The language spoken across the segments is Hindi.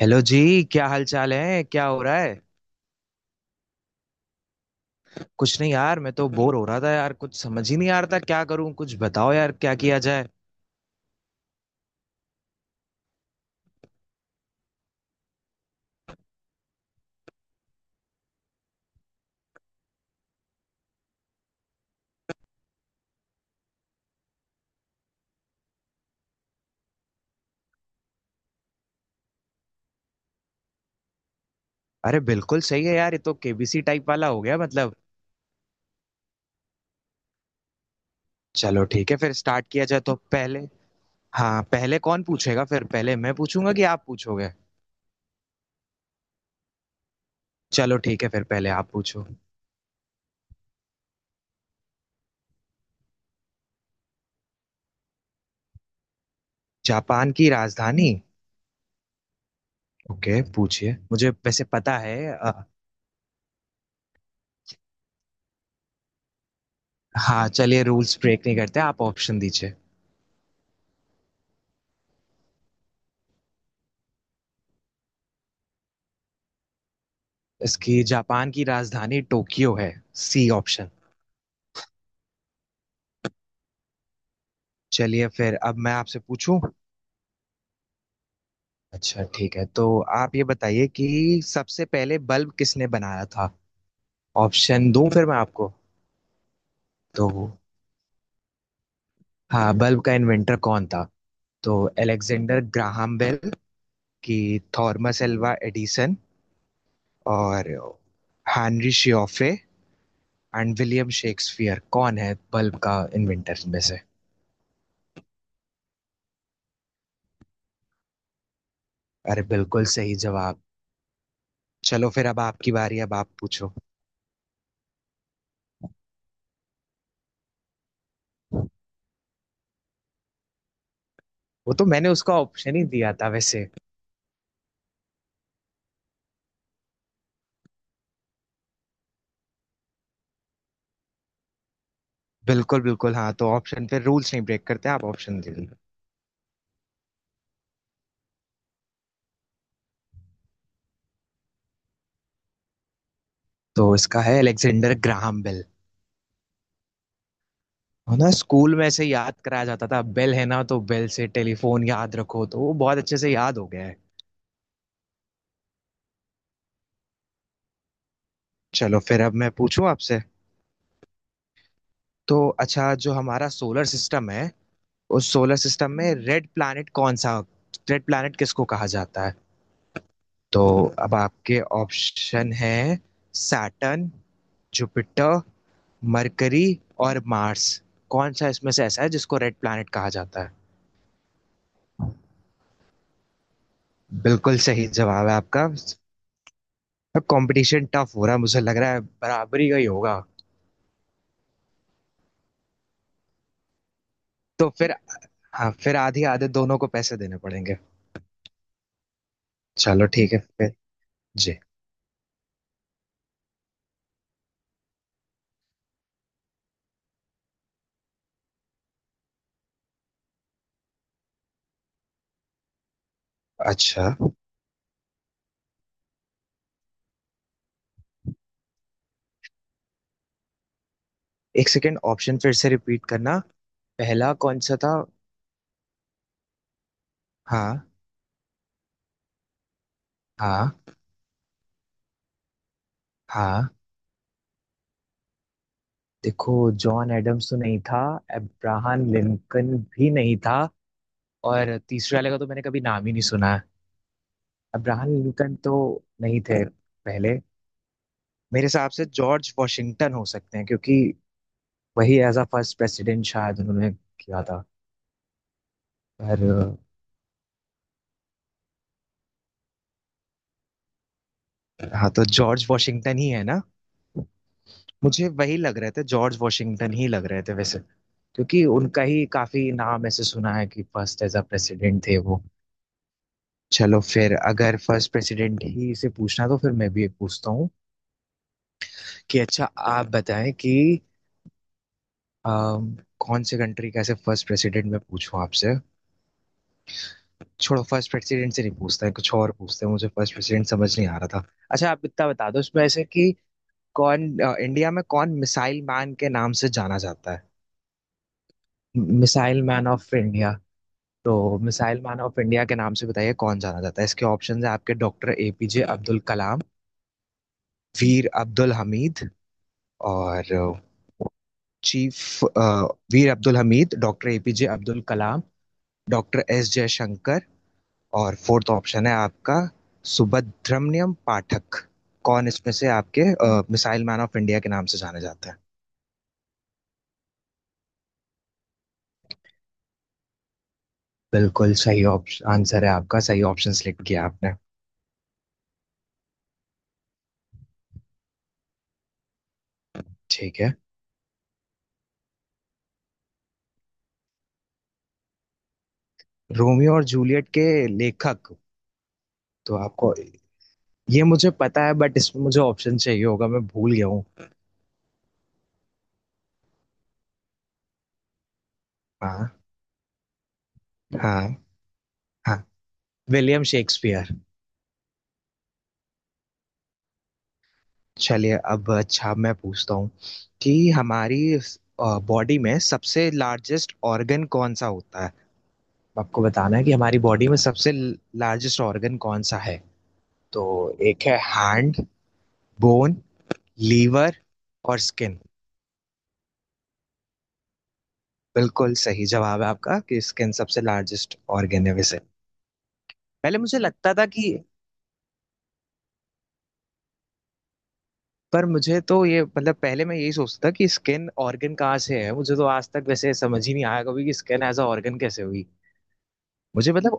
हेलो जी। क्या हाल चाल है, क्या हो रहा है? कुछ नहीं यार, मैं तो बोर हो रहा था यार, कुछ समझ ही नहीं आ रहा था क्या करूं। कुछ बताओ यार, क्या किया जाए? अरे बिल्कुल सही है यार, ये तो केबीसी टाइप वाला हो गया मतलब। चलो ठीक है, फिर स्टार्ट किया जाए तो पहले। हाँ, पहले कौन पूछेगा? फिर पहले मैं पूछूंगा कि आप पूछोगे। चलो ठीक है, फिर पहले आप पूछो। जापान की राजधानी। ओके पूछिए, मुझे वैसे पता है हाँ चलिए, रूल्स ब्रेक नहीं करते, आप ऑप्शन दीजिए। इसकी जापान की राजधानी टोक्यो है। C option. चलिए फिर अब मैं आपसे पूछूं। अच्छा ठीक है, तो आप ये बताइए कि सबसे पहले बल्ब किसने बनाया था? ऑप्शन दूं फिर मैं आपको। तो हाँ, बल्ब का इन्वेंटर कौन था? तो एलेक्जेंडर ग्राहम बेल की, थॉमस एल्वा एडिसन, और हेनरी श्योफ्रे एंड विलियम शेक्सपियर। कौन है बल्ब का इन्वेंटर में से? अरे बिल्कुल सही जवाब। चलो फिर, अब आपकी बारी, अब आप पूछो। वो तो मैंने उसका ऑप्शन ही दिया था वैसे। बिल्कुल बिल्कुल, हाँ तो ऑप्शन पे रूल्स नहीं ब्रेक करते, आप ऑप्शन दे दीजिए। तो इसका है अलेक्जेंडर ग्राहम बेल। है ना, स्कूल में ऐसे याद कराया जाता था, बेल है ना, तो बेल से टेलीफोन याद रखो, तो वो बहुत अच्छे से याद हो गया है। चलो फिर अब मैं पूछूं आपसे। तो अच्छा, जो हमारा सोलर सिस्टम है, उस सोलर सिस्टम में रेड प्लैनेट कौन सा? रेड प्लैनेट किसको कहा जाता है? तो अब आपके ऑप्शन है: सैटर्न, जुपिटर, मरकरी और मार्स। कौन सा इसमें से ऐसा है जिसको रेड प्लैनेट कहा जाता है? बिल्कुल सही जवाब है आपका। अब कंपटीशन टफ हो रहा है, मुझे लग रहा है बराबरी का ही होगा। तो फिर। हाँ, फिर आधी आधे दोनों को पैसे देने पड़ेंगे। चलो ठीक है फिर। जी। अच्छा। एक सेकेंड, ऑप्शन फिर से रिपीट करना। पहला कौन सा था? हाँ। हाँ। हाँ। देखो, जॉन एडम्स तो नहीं था। अब्राहम लिंकन भी नहीं था। और तीसरे वाले का तो मैंने कभी नाम ही नहीं सुना है। अब्राहम न्यूटन तो नहीं थे पहले। मेरे हिसाब से जॉर्ज वॉशिंगटन हो सकते हैं, क्योंकि वही एज अ फर्स्ट प्रेसिडेंट शायद उन्होंने किया था। पर हाँ तो जॉर्ज वॉशिंगटन ही है ना। मुझे वही लग रहे थे, जॉर्ज वॉशिंगटन ही लग रहे थे वैसे, क्योंकि उनका ही काफी नाम ऐसे सुना है कि फर्स्ट एज अ प्रेसिडेंट थे वो। चलो फिर, अगर फर्स्ट प्रेसिडेंट ही से पूछना तो फिर मैं भी एक पूछता हूँ कि अच्छा आप बताएं कि कौन से कंट्री का ऐसे फर्स्ट प्रेसिडेंट मैं पूछूं आपसे। छोड़ो, फर्स्ट प्रेसिडेंट से नहीं पूछते हैं, कुछ और पूछते हैं, मुझे फर्स्ट प्रेसिडेंट समझ नहीं आ रहा था। अच्छा आप इतना बता दो उसमें ऐसे कि कौन, इंडिया में कौन मिसाइल मैन के नाम से जाना जाता है? Missile man of India. तो मिसाइल मैन ऑफ इंडिया के नाम से बताइए कौन जाना जाता है। इसके ऑप्शन है आपके: डॉक्टर एपीजे अब्दुल कलाम, वीर अब्दुल हमीद, और चीफ, वीर Abdul Hamid, doctor APJ Abdul Kalam, doctor S Jaishankar, और फोर्थ ऑप्शन है आपका सुब्रमण्यम पाठक। कौन इसमें से आपके मिसाइल मैन ऑफ इंडिया के नाम से जाने जाते हैं? बिल्कुल सही ऑप्शन, आंसर है आपका, सही ऑप्शन सिलेक्ट किया आपने। ठीक है। रोमियो और जूलियट के लेखक। तो आपको, ये मुझे पता है बट इसमें मुझे ऑप्शन चाहिए होगा, मैं भूल गया हूँ। हाँ। हाँ। हाँ। William Shakespeare. चलिए अब, अच्छा मैं पूछता हूँ कि हमारी बॉडी में सबसे लार्जेस्ट ऑर्गन कौन सा होता है। आपको बताना है कि हमारी बॉडी में सबसे लार्जेस्ट ऑर्गन कौन सा है। तो एक है हैंड, बोन, लीवर और स्किन। बिल्कुल सही जवाब है आपका कि स्किन सबसे लार्जेस्ट ऑर्गन है वैसे। पहले मुझे लगता था कि, पर मुझे तो ये मतलब, पहले मैं यही सोचता था कि स्किन ऑर्गन कहाँ से है, मुझे तो आज तक वैसे समझ ही नहीं आया कभी कि स्किन एज अ ऑर्गन कैसे हुई। मुझे मतलब,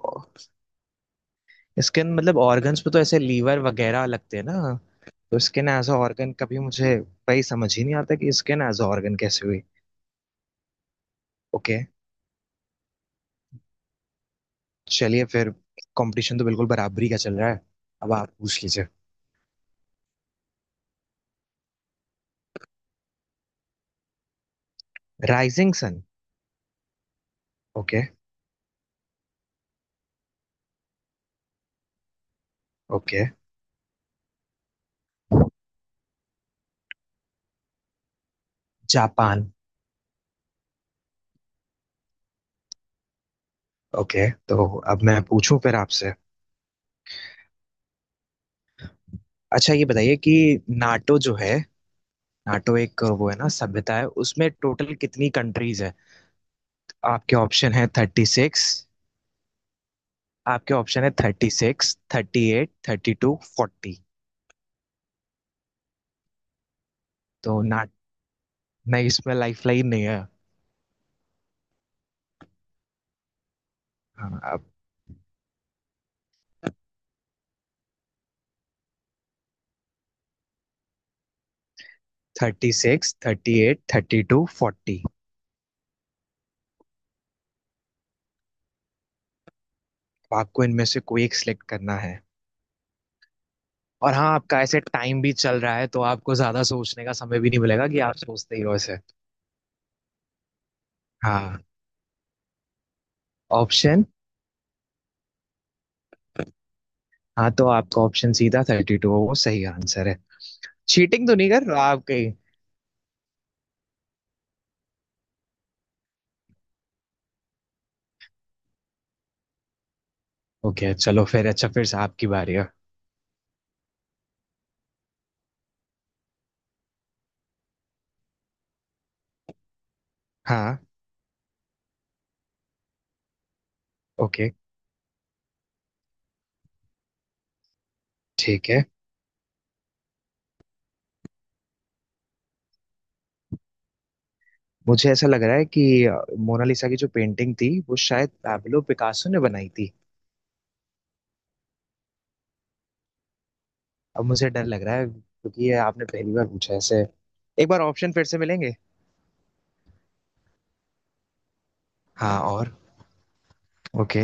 स्किन मतलब ऑर्गन्स पे तो ऐसे लीवर वगैरह लगते हैं ना। तो स्किन एज अ ऑर्गन कभी मुझे, वही समझ ही नहीं आता कि स्किन एज अ ऑर्गन कैसे हुई। ओके, चलिए फिर। कंपटीशन तो बिल्कुल बराबरी का चल रहा है। अब आप पूछ लीजिए। Rising sun. Okay. Okay, Japan. Okay, तो अब मैं पूछूं फिर आपसे। अच्छा ये बताइए कि नाटो जो है, नाटो एक वो है ना सभ्यता है, उसमें टोटल कितनी कंट्रीज है? आपके ऑप्शन है थर्टी सिक्स। आपके ऑप्शन है: thirty six, thirty eight, thirty two, forty. तो ना, नहीं इसमें लाइफ लाइन नहीं है। हाँ अब। Thirty six, thirty eight, thirty two, forty. आपको इनमें से कोई एक सिलेक्ट करना है। और हाँ, आपका ऐसे टाइम भी चल रहा है, तो आपको ज्यादा सोचने का समय भी नहीं मिलेगा कि आप सोचते ही हो ऐसे। हाँ। ऑप्शन। हाँ तो आपका ऑप्शन सीधा थर्टी टू, वो सही आंसर है। चीटिंग तो नहीं कर रहा आप कहीं? ओके चलो फिर, अच्छा फिर से आपकी बारी है। हाँ। ओके। ठीक है। मुझे ऐसा लग रहा है कि मोनालिसा की जो पेंटिंग थी वो शायद पाब्लो पिकासो ने बनाई थी। अब मुझे डर लग रहा है क्योंकि ये आपने पहली बार पूछा ऐसे। एक बार ऑप्शन फिर से मिलेंगे। हाँ और। ओके।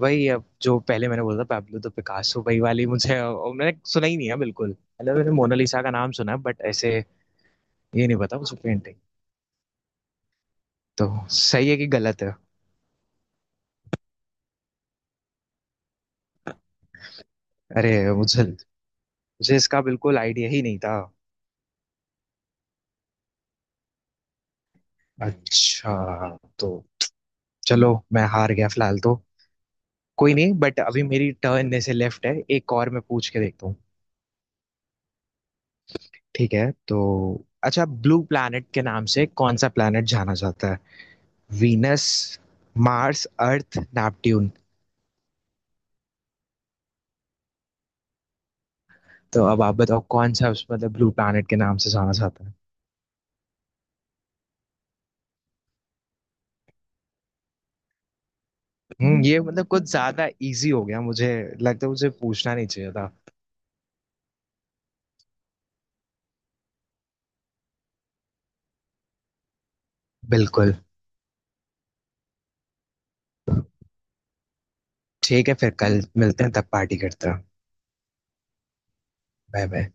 वही अब जो पहले मैंने बोला था पैब्लो द पिकासो वही वाली मुझे, और मैंने सुना ही नहीं है बिल्कुल, मतलब मैंने मोनालिसा का नाम सुना है बट ऐसे। ये नहीं पता मुझे पेंटिंग। तो सही है कि गलत है? अरे मुझे मुझे इसका बिल्कुल आइडिया ही नहीं था। अच्छा तो। चलो मैं हार गया फिलहाल तो। कोई नहीं, बट अभी मेरी टर्न में से लेफ्ट है एक, और मैं पूछ के देखता हूँ। ठीक है तो अच्छा, ब्लू प्लैनेट के नाम से कौन सा प्लैनेट जाना जाता है? Venus, Mars, Earth, Neptune. तो अब आप बताओ कौन सा उस, मतलब ब्लू प्लैनेट के नाम से जाना जाता है? हम्म, ये मतलब कुछ ज्यादा इजी हो गया, मुझे लगता है मुझे पूछना नहीं चाहिए था। बिल्कुल। ठीक है फिर कल मिलते हैं, तब पार्टी करते हैं। Bye bye.